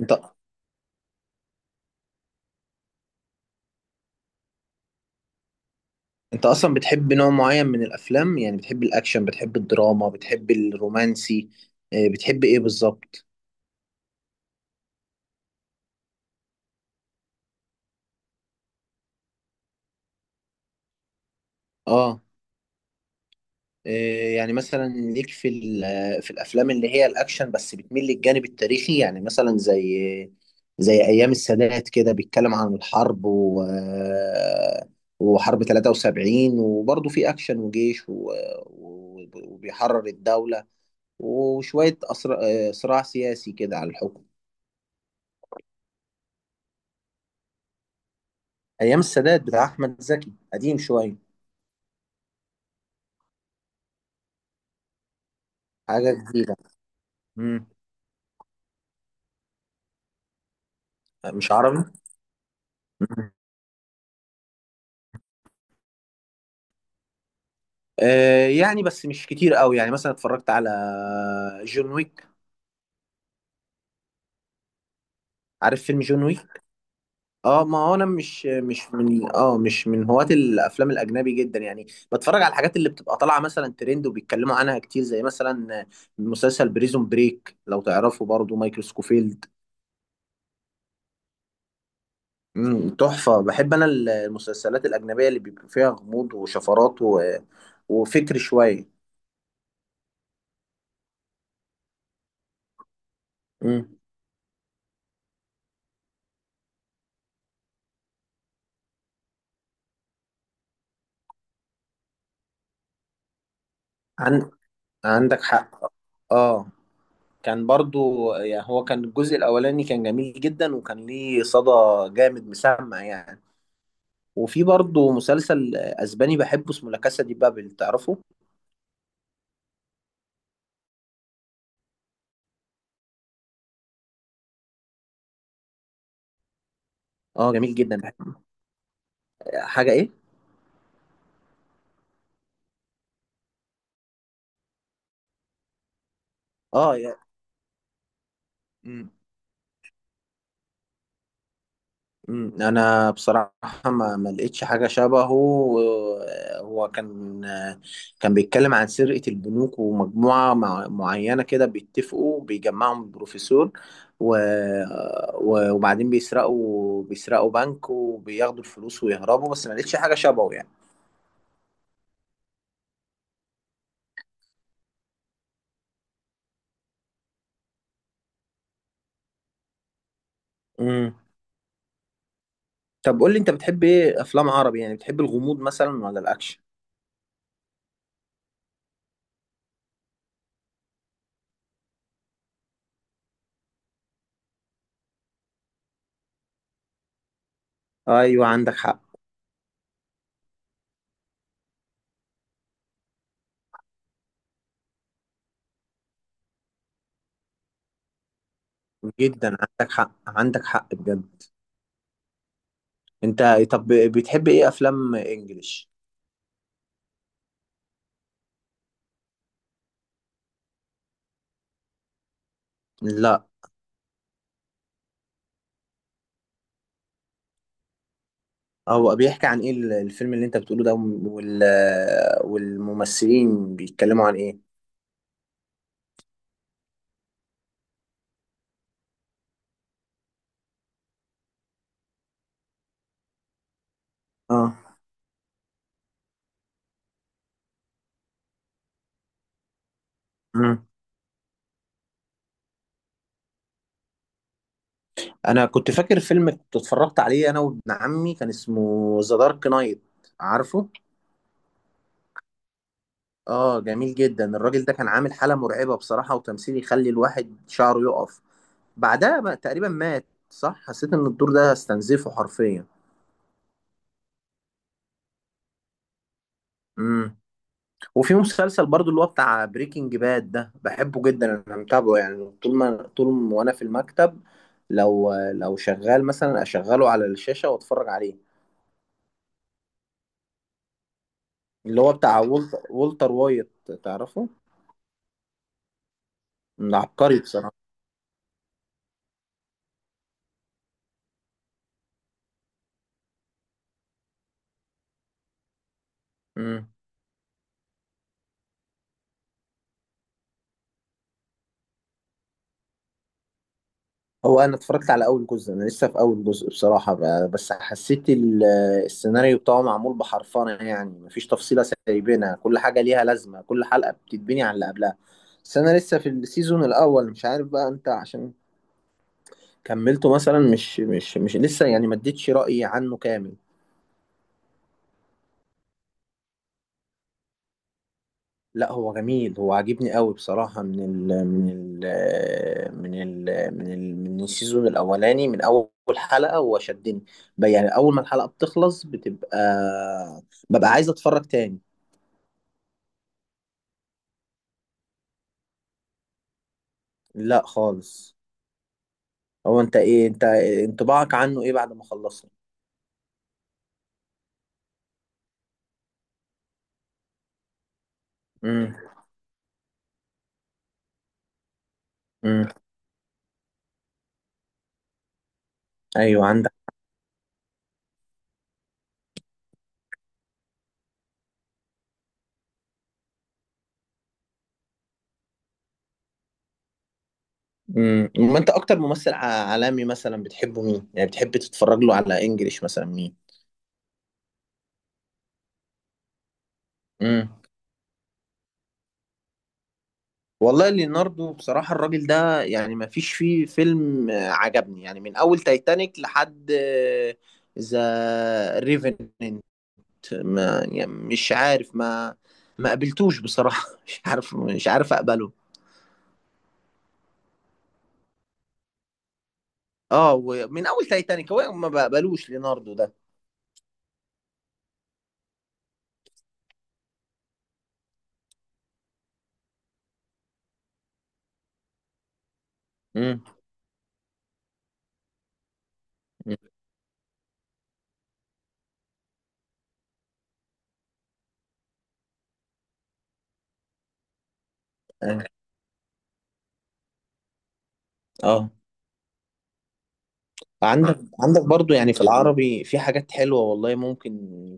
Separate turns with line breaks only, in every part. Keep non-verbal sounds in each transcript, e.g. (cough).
انت انت اصلا بتحب نوع معين من الافلام، يعني بتحب الاكشن، بتحب الدراما، بتحب الرومانسي. بتحب ايه بالظبط؟ اه. آه، يعني مثلا ليك في في الافلام اللي هي الاكشن بس بتميل للجانب التاريخي، يعني مثلا زي ايام السادات كده، بيتكلم عن الحرب و آه، وحرب 73، وبرضه في اكشن وجيش وبيحرر الدولة، وشوية صراع سياسي كده على الحكم. ايام السادات بتاع احمد زكي، قديم شويه. حاجه جديده. امم. مش عربي. مم. يعني بس مش كتير قوي، يعني مثلا اتفرجت على جون ويك. عارف فيلم جون ويك؟ اه، ما هو انا مش مش من اه مش من هواة الافلام الاجنبي جدا يعني. بتفرج على الحاجات اللي بتبقى طالعه مثلا ترند وبيتكلموا عنها كتير، زي مثلا مسلسل بريزون بريك، لو تعرفه، برضو مايكل سكوفيلد. امم، تحفه. بحب انا المسلسلات الاجنبيه اللي بيبقى فيها غموض وشفرات وفكر شويه. مم. عن... عندك حق. اه، كان برضو يعني، هو كان الجزء الاولاني كان جميل جدا، وكان ليه صدى جامد مسمع يعني. وفي برضو مسلسل اسباني بحبه اسمه لا كاسا دي بابل، تعرفه؟ اه، جميل جدا. حاجه ايه؟ اه يا... مم. مم، انا بصراحه ما لقيتش حاجه شبهه هو كان بيتكلم عن سرقه البنوك ومجموعه معينه كده بيتفقوا، بيجمعهم البروفيسور و... وبعدين بيسرقوا بنك وبياخدوا الفلوس ويهربوا، بس ما لقيتش حاجه شبهه يعني. مم. طب قول لي، انت بتحب ايه، افلام عربي؟ يعني بتحب الغموض مثلا ولا الاكشن؟ ايوه عندك حق، جدا عندك حق، عندك حق بجد. انت طب بتحب ايه، افلام انجليش؟ لا، هو بيحكي عن ايه الفيلم اللي انت بتقوله ده وال... والممثلين بيتكلموا عن ايه؟ اه. مم. انا كنت فاكر فيلم كنت اتفرجت عليه انا وابن عمي، كان اسمه ذا دارك نايت، عارفه؟ اه، جميل جدا. الراجل ده كان عامل حالة مرعبة بصراحة، وتمثيل يخلي الواحد شعره يقف. بعدها بقى تقريبا مات، صح؟ حسيت ان الدور ده استنزفه حرفيا. مم. وفي مسلسل برضو، اللي هو بتاع بريكنج باد ده، بحبه جدا. انا متابعه يعني، طول ما وانا في المكتب، لو شغال مثلا اشغله على الشاشة واتفرج عليه. اللي هو بتاع والتر وايت، تعرفه؟ من عبقري بصراحة. امم. هو انا اتفرجت على اول جزء، انا لسه في اول جزء بصراحة. بس حسيت السيناريو بتاعه معمول بحرفنة، يعني مفيش تفصيلة سايبينها، كل حاجة ليها لازمة، كل حلقة بتتبني على اللي قبلها. بس انا لسه في السيزون الاول، مش عارف بقى انت عشان كملته مثلا. مش مش مش لسه يعني، ما اديتش رأيي عنه كامل. لا، هو جميل، هو عاجبني قوي بصراحة، من ال من ال من ال من ال من السيزون الأولاني، من أول حلقة هو شدني. يعني أول ما الحلقة بتخلص بتبقى ببقى عايز أتفرج تاني. لا خالص. هو أنت إيه، أنت انطباعك عنه إيه بعد ما خلصنا؟ امم. امم. أيوه عندك. امم. ما أنت أكتر ممثل عالمي مثلا بتحبه مين؟ يعني بتحب تتفرج له على إنجليش مثلا مين؟ امم. والله ليوناردو بصراحة الراجل ده، يعني ما فيش فيه فيلم عجبني يعني، من أول تايتانيك لحد ذا ريفننت. ما يعني مش عارف، ما قبلتوش بصراحة (laughs) مش عارف، مش عارف أقبله. اه، ومن أول تايتانيك هو ما بقبلوش ليوناردو ده. امم. اه، عندك، عندك برضو، يعني في العربي في حاجات حلوة والله، ممكن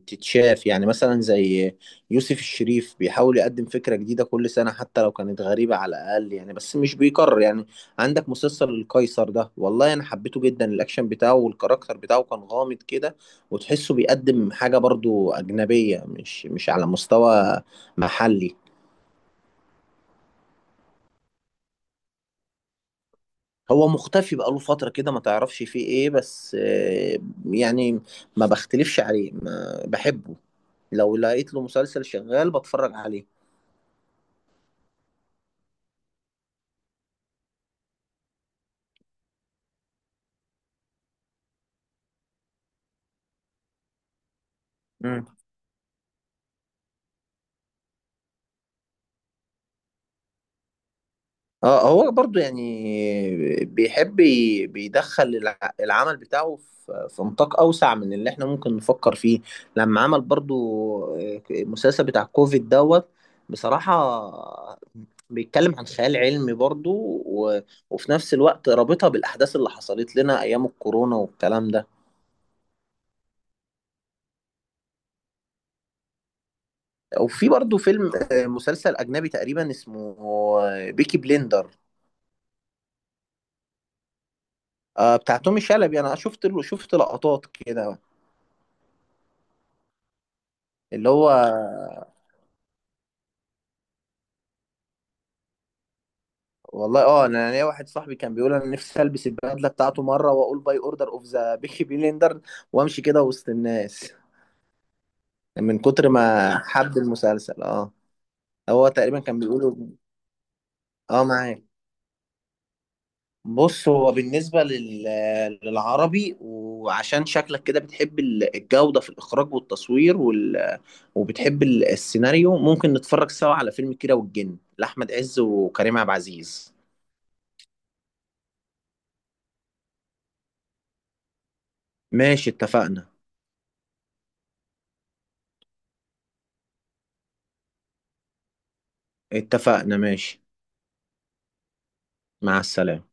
تتشاف يعني. مثلا زي يوسف الشريف، بيحاول يقدم فكرة جديدة كل سنة، حتى لو كانت غريبة على الأقل يعني، بس مش بيكرر يعني. عندك مسلسل القيصر ده، والله أنا حبيته جدا، الأكشن بتاعه والكاركتر بتاعه كان غامض كده، وتحسه بيقدم حاجة برضو أجنبية، مش على مستوى محلي. هو مختفي بقاله فترة كده، ما تعرفش فيه ايه. بس يعني ما بختلفش عليه، ما بحبه، لو لقيت له مسلسل شغال بتفرج عليه. امم. اه، هو برضو يعني بيحب بيدخل العمل بتاعه في نطاق اوسع من اللي احنا ممكن نفكر فيه. لما عمل برضو المسلسل بتاع كوفيد دوت، بصراحة بيتكلم عن خيال علمي برضو، و... وفي نفس الوقت رابطها بالأحداث اللي حصلت لنا أيام الكورونا والكلام ده. وفي برضو فيلم، مسلسل أجنبي تقريبا اسمه بيكي بليندر. آه بتاع تومي شلبي، انا شفت لقطات كده. اللي هو، والله اه، انا ليا واحد صاحبي كان بيقول انا نفسي البس البدله بتاعته مره واقول باي اوردر اوف ذا بيكي بليندر (laughs) وامشي كده وسط الناس، من كتر ما حب المسلسل اه. هو تقريبا كان بيقوله. اه معاك. بص هو بالنسبة للعربي، وعشان شكلك كده بتحب الجودة في الإخراج والتصوير وبتحب السيناريو، ممكن نتفرج سوا على فيلم كيرة والجن لأحمد عز وكريم عبد العزيز. ماشي اتفقنا. اتفقنا ماشي. مع السلامة.